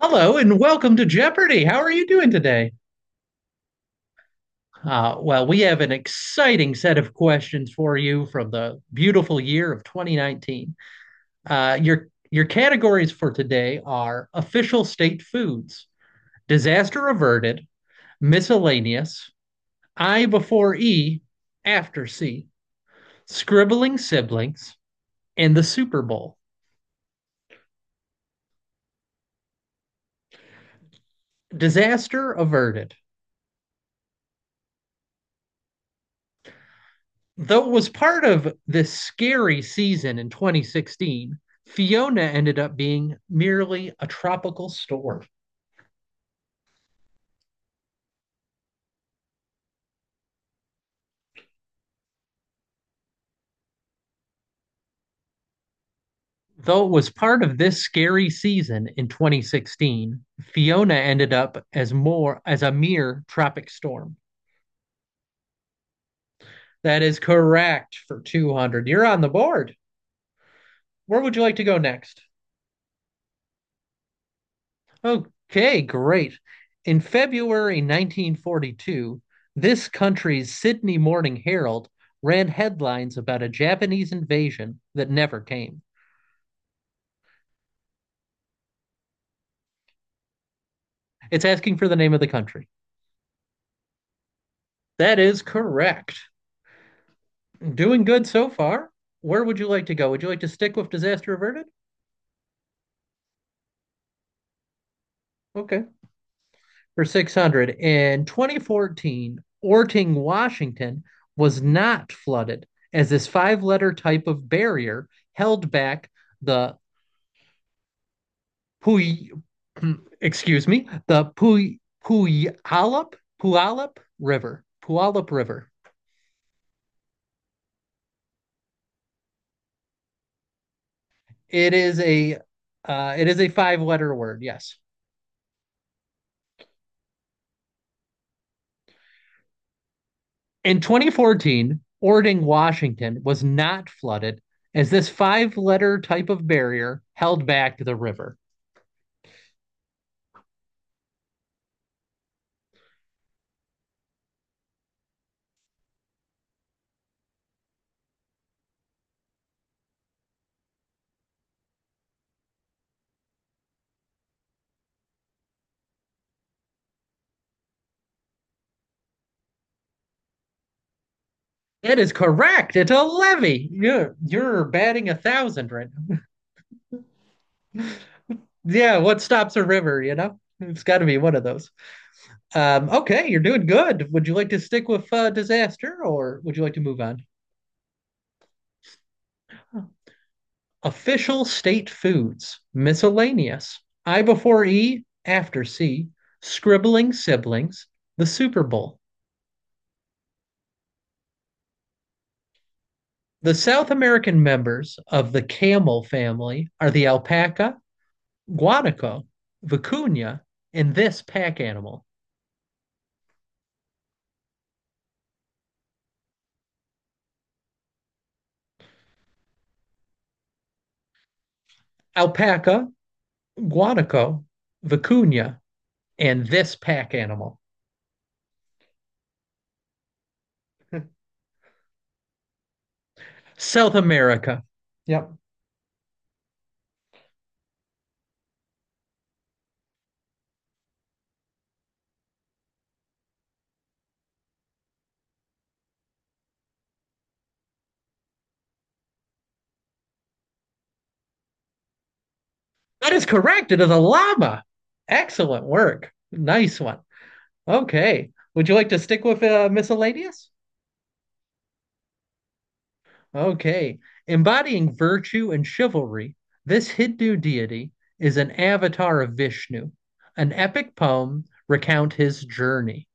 Hello and welcome to Jeopardy! How are you doing today? Well, we have an exciting set of questions for you from the beautiful year of 2019. Your categories for today are official state foods, disaster averted, miscellaneous, I before E, after C, scribbling siblings, and the Super Bowl. Disaster averted. Though it was part of this scary season in 2016, Fiona ended up being merely a tropical storm. Though it was part of this scary season in 2016, Fiona ended up as more as a mere tropic storm. That is correct for 200. You're on the board. Where would you like to go next? Okay, great. In February 1942, this country's Sydney Morning Herald ran headlines about a Japanese invasion that never came. It's asking for the name of the country. That is correct. Doing good so far. Where would you like to go? Would you like to stick with disaster averted? Okay. For 600. In 2014, Orting, Washington was not flooded as this five letter type of barrier held back the Puy, excuse me, the Puyallup River. Puyallup River. It is a it is a five letter word. Yes. In 2014, Ording, Washington was not flooded as this five letter type of barrier held back the river. It is correct. It's a levee. You're batting a thousand right now. Yeah, what stops a river, you know? It's got to be one of those. Okay, you're doing good. Would you like to stick with disaster or would you like to move on? Huh. Official state foods, miscellaneous. I before E, after C, scribbling siblings, the Super Bowl. The South American members of the camel family are the alpaca, guanaco, vicuña, and this pack animal. Alpaca, guanaco, vicuña, and this pack animal. South America. Yep. That is correct. It is a llama. Excellent work. Nice one. Okay. Would you like to stick with miscellaneous? Okay. Embodying virtue and chivalry, this Hindu deity is an avatar of Vishnu. An epic poem recount his journey.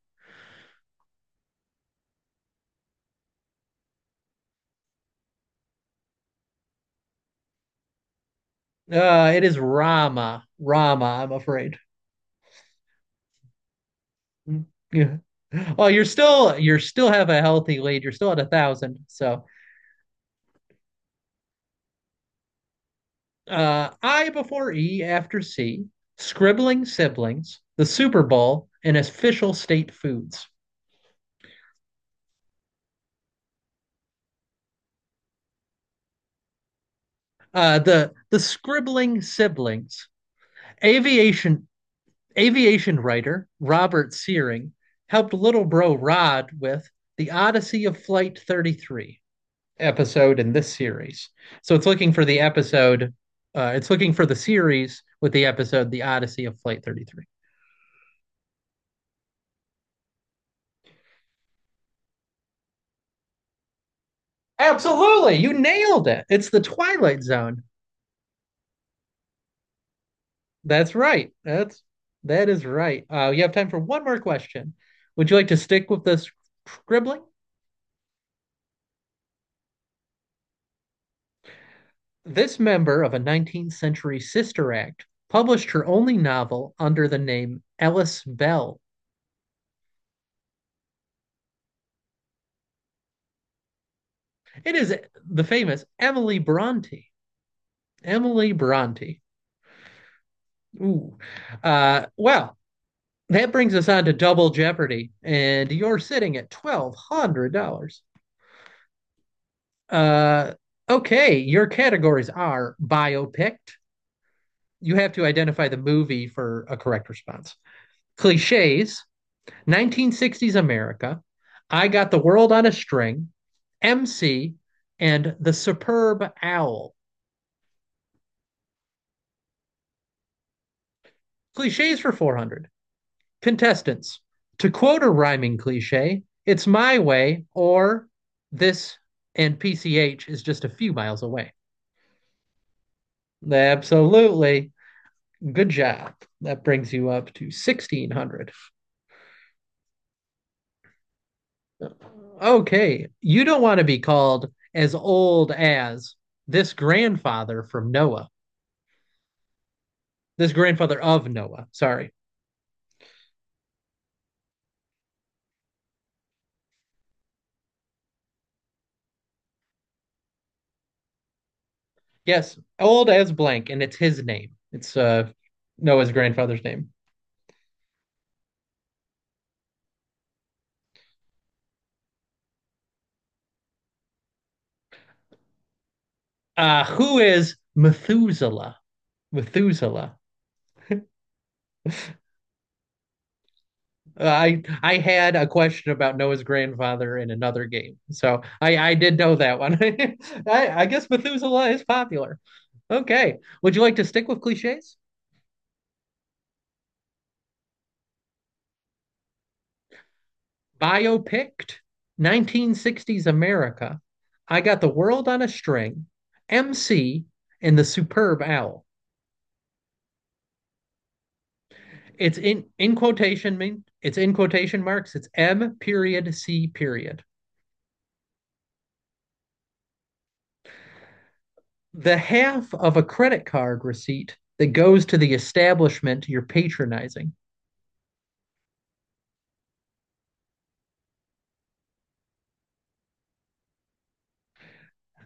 It is Rama. Rama, I'm afraid. Yeah. Well, you're still have a healthy lead. You're still at a thousand. So I before E after C, scribbling siblings, the Super Bowl, and official state foods. The scribbling siblings, aviation aviation writer Robert Searing helped little bro Rod with the Odyssey of Flight 33 episode in this series. So it's looking for the episode. It's looking for the series with the episode The Odyssey of Flight 33. Absolutely, you nailed it. It's the Twilight Zone. That's right. That is right. You have time for one more question. Would you like to stick with this scribbling? This member of a 19th century sister act published her only novel under the name Ellis Bell. It is the famous Emily Bronte. Emily Bronte. Ooh. Well, that brings us on to Double Jeopardy, and you're sitting at $1,200. Uh, okay, your categories are biopic, you have to identify the movie for a correct response. Cliches, 1960s America, I Got the World on a String, MC, and The Superb Owl. Cliches for 400. Contestants, to quote a rhyming cliche, it's my way or this, and PCH is just a few miles away. Absolutely. Good job. That brings you up to 1600. Okay, you don't want to be called as old as this grandfather from Noah, this grandfather of Noah. Sorry. Yes, old as blank, and it's his name. It's Noah's grandfather's name. Who is Methuselah? Methuselah. I had a question about Noah's grandfather in another game, so I did know that one. I guess Methuselah is popular. Okay, would you like to stick with cliches? Biopicked, 1960s America, I Got the World on a String, MC, and The Superb Owl. It's in quotation, mean, it's in quotation marks. It's M period C period. The half of a credit card receipt that goes to the establishment you're patronizing.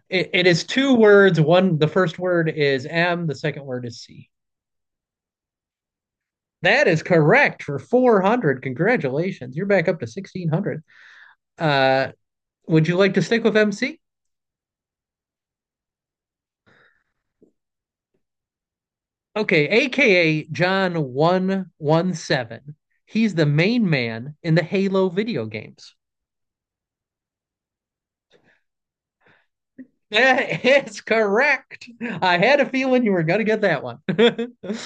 It is two words. One, the first word is M. The second word is C. That is correct for 400. Congratulations. You're back up to 1600. Uh, Would you like to stick with MC? Okay, aka John 117. He's the main man in the Halo video games. That is correct. I had a feeling you were going to get that one.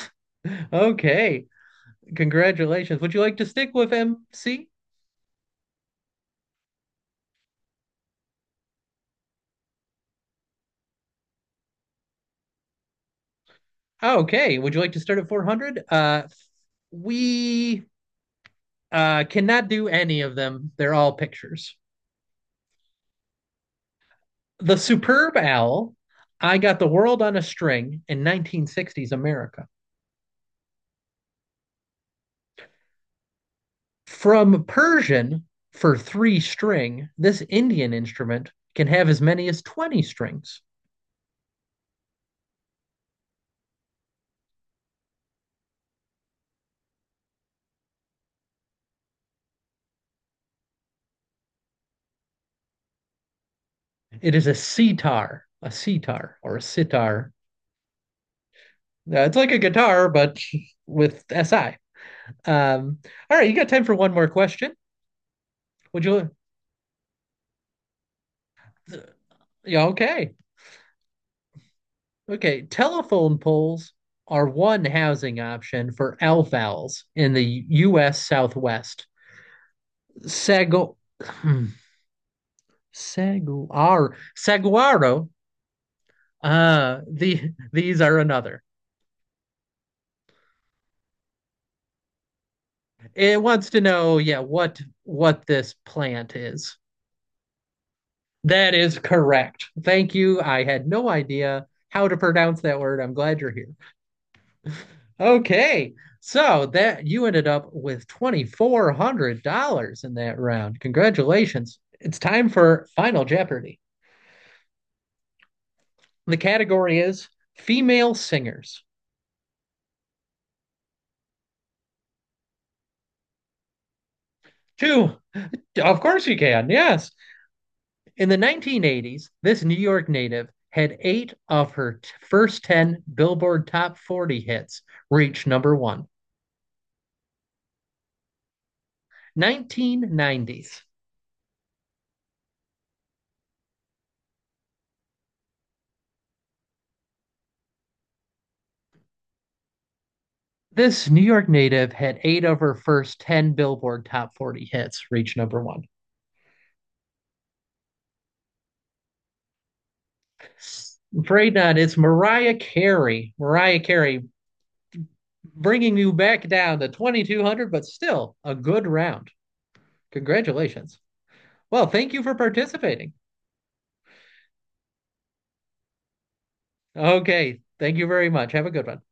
Okay, congratulations. Would you like to stick with MC? Okay, would you like to start at 400? We cannot do any of them. They're all pictures. The Superb Owl, I Got the World on a String in 1960s America. From Persian for three string, this Indian instrument can have as many as 20 strings. It is a sitar or a sitar. It's like a guitar, but with SI. Um, all right, you got time for one more question? Would you? uh, Yeah, okay. Okay, telephone poles are one housing option for elf owls in the U.S. Southwest. Sago, saguaro, saguaro. These are another. It wants to know, yeah, what this plant is. That is correct. Thank you. I had no idea how to pronounce that word. I'm glad you're here. Okay. So that you ended up with $2,400 in that round. Congratulations. It's time for Final Jeopardy. The category is female singers. Two. Of course you can. Yes. In the 1980s, this New York native had eight of her first 10 Billboard Top 40 hits reach number one. 1990s. This New York native had eight of her first 10 Billboard Top 40 hits reach number one. I'm afraid not. It's Mariah Carey. Mariah Carey bringing you back down to 2200, but still a good round. Congratulations. Well, thank you for participating. Okay. Thank you very much. Have a good one.